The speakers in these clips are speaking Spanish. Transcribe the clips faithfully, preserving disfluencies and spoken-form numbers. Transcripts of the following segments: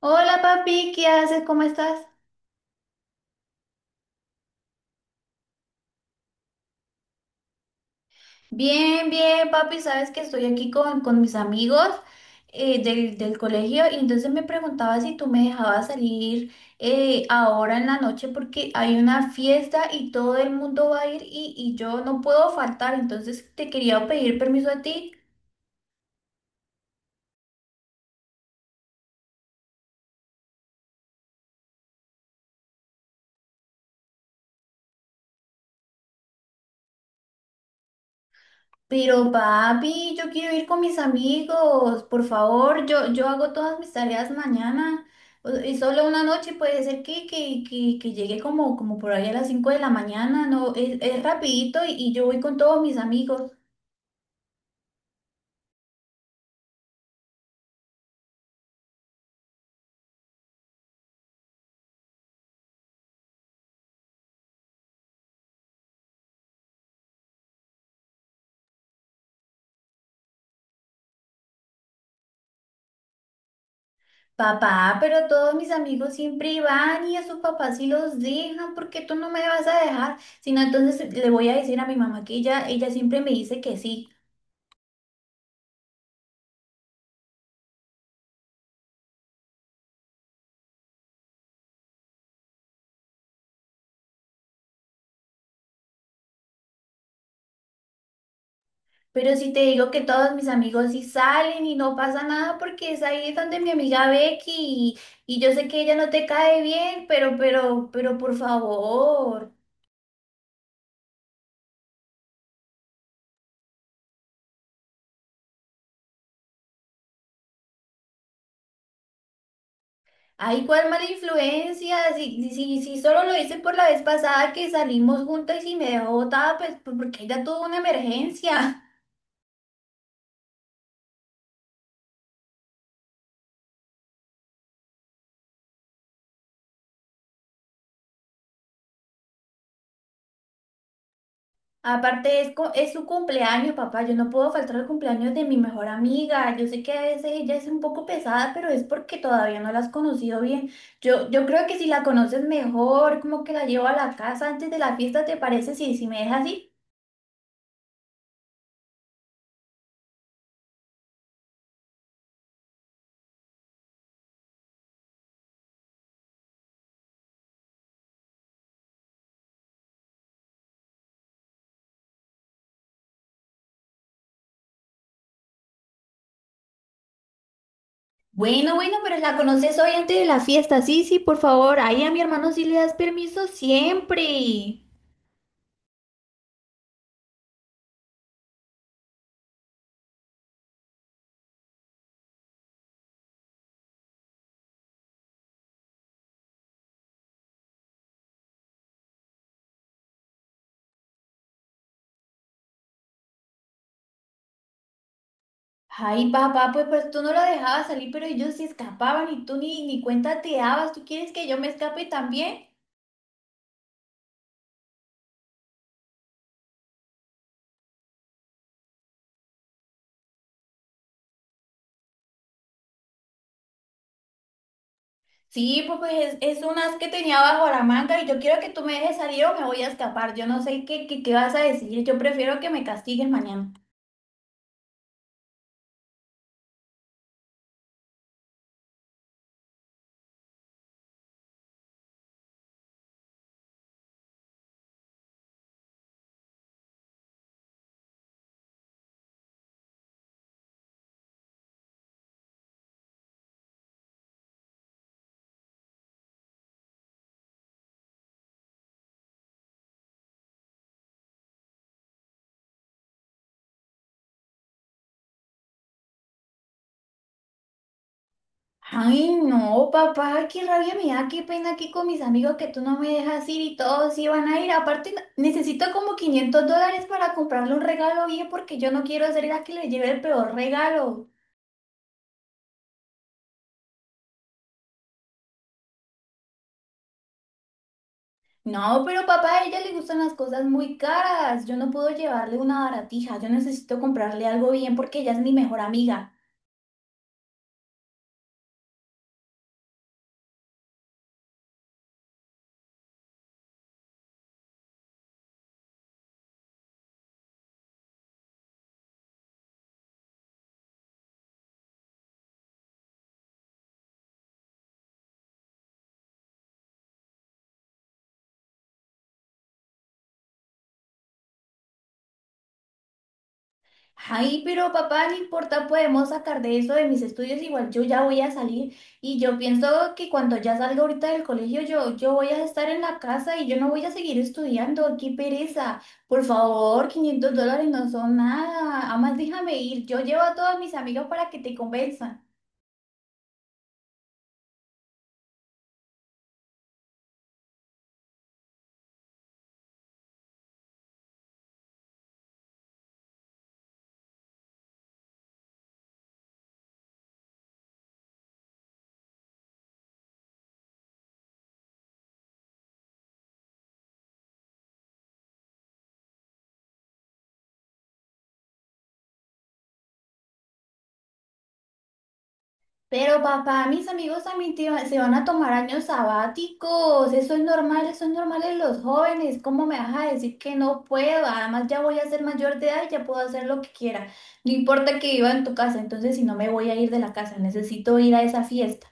Hola papi, ¿qué haces? ¿Cómo estás? Bien, bien, papi, sabes que estoy aquí con, con mis amigos eh, del, del colegio y entonces me preguntaba si tú me dejabas salir eh, ahora en la noche porque hay una fiesta y todo el mundo va a ir y, y yo no puedo faltar, entonces te quería pedir permiso a ti. Pero papi, yo quiero ir con mis amigos, por favor, yo, yo hago todas mis tareas mañana o- y solo una noche puede ser que, que, que, que llegue como, como por ahí a las cinco de la mañana, no, es, es rapidito y, y yo voy con todos mis amigos. Papá, pero todos mis amigos siempre van y a sus papás sí los dejan, ¿por qué tú no me vas a dejar? Sino entonces le voy a decir a mi mamá que ella, ella siempre me dice que sí. Pero si te digo que todos mis amigos sí salen y no pasa nada porque es ahí donde mi amiga Becky y, y yo sé que ella no te cae bien, pero, pero, pero por favor. Ay, cuál mala influencia. Si, si, si solo lo hice por la vez pasada que salimos juntas y me dejó botada, pues pues, porque ella tuvo una emergencia. Aparte, es, co- es su cumpleaños, papá. Yo no puedo faltar al cumpleaños de mi mejor amiga. Yo sé que a veces ella es un poco pesada, pero es porque todavía no la has conocido bien. Yo, yo creo que si la conoces mejor, como que la llevo a la casa antes de la fiesta, ¿te parece? Sí, si me dejas así. Bueno, bueno, pero la conoces hoy antes de la fiesta. Sí, sí, por favor. Ahí a mi hermano sí le das permiso siempre. Ay, papá, pues, pues tú no lo dejabas salir, pero ellos se escapaban y tú ni, ni cuenta te dabas. ¿Tú quieres que yo me escape también? Sí, pues pues, es, es unas que tenía bajo la manga y yo quiero que tú me dejes salir o me voy a escapar. Yo no sé qué, qué, qué vas a decir. Yo prefiero que me castigues mañana. Ay, no, papá, qué rabia me da, qué pena aquí con mis amigos que tú no me dejas ir y todos iban a ir. Aparte, necesito como quinientos dólares para comprarle un regalo bien porque yo no quiero ser la que le lleve el peor regalo. No, pero papá, a ella le gustan las cosas muy caras. Yo no puedo llevarle una baratija. Yo necesito comprarle algo bien porque ella es mi mejor amiga. Ay, pero papá, no importa, podemos sacar de eso de mis estudios, igual yo ya voy a salir y yo pienso que cuando ya salga ahorita del colegio yo, yo voy a estar en la casa y yo no voy a seguir estudiando, qué pereza, por favor, quinientos dólares no son nada, además déjame ir, yo llevo a todas mis amigos para que te convenzan. Pero papá, mis amigos también te va- se van a tomar años sabáticos. Eso es normal, eso es normal en los jóvenes. ¿Cómo me vas a decir que no puedo? Además ya voy a ser mayor de edad y ya puedo hacer lo que quiera. No importa que viva en tu casa, entonces si no me voy a ir de la casa, necesito ir a esa fiesta.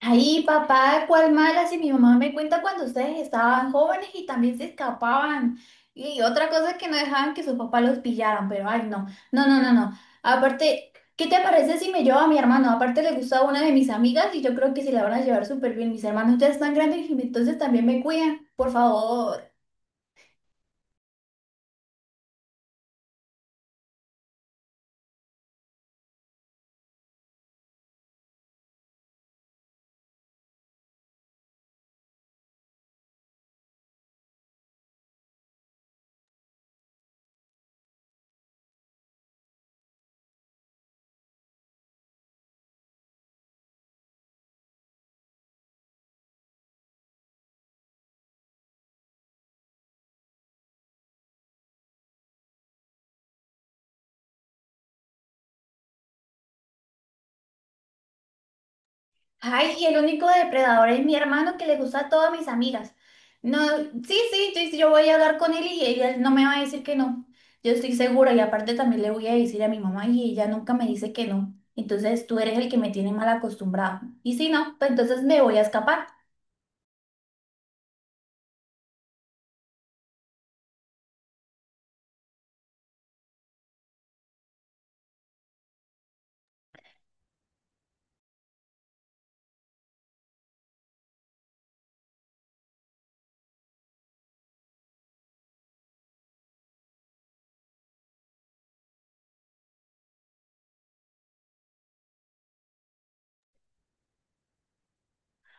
Ay, papá, cuál mala, si mi mamá me cuenta cuando ustedes estaban jóvenes y también se escapaban. Y otra cosa es que no dejaban que sus papás los pillaran, pero ay, no, no, no, no, no. Aparte, ¿qué te parece si me llevo a mi hermano? Aparte le gustaba una de mis amigas y yo creo que se la van a llevar súper bien. Mis hermanos ya están grandes y entonces también me cuidan. Por favor. Ay, y el único depredador es mi hermano que le gusta a todas mis amigas. No, sí, sí, sí, sí, yo voy a hablar con él y ella no me va a decir que no. Yo estoy segura y aparte también le voy a decir a mi mamá y ella nunca me dice que no. Entonces tú eres el que me tiene mal acostumbrado. Y si no, pues entonces me voy a escapar.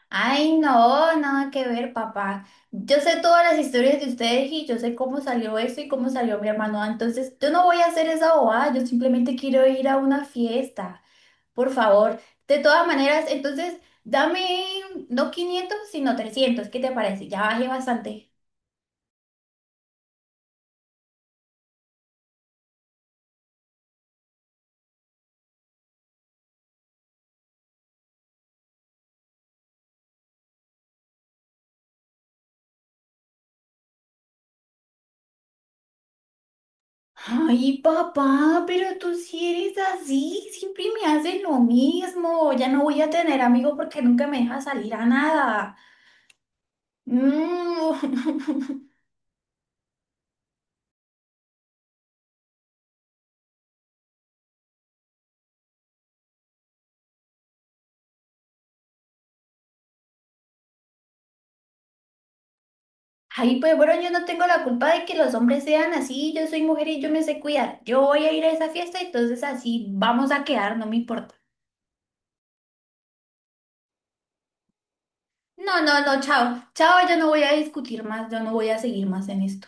Ay, no, nada que ver, papá. Yo sé todas las historias de ustedes y yo sé cómo salió eso y cómo salió mi hermano. Entonces yo no voy a hacer esa bobada, yo simplemente quiero ir a una fiesta. Por favor, de todas maneras, entonces dame no quinientos sino trescientos, ¿qué te parece? Ya bajé bastante. Ay, papá, pero tú sí eres así, siempre me haces lo mismo. Ya no voy a tener amigos porque nunca me dejas salir a nada. Mm. Ay, pues bueno, yo no tengo la culpa de que los hombres sean así. Yo soy mujer y yo me sé cuidar. Yo voy a ir a esa fiesta, entonces así vamos a quedar, no me importa. No, no, no, chao. Chao, yo no voy a discutir más, yo no voy a seguir más en esto.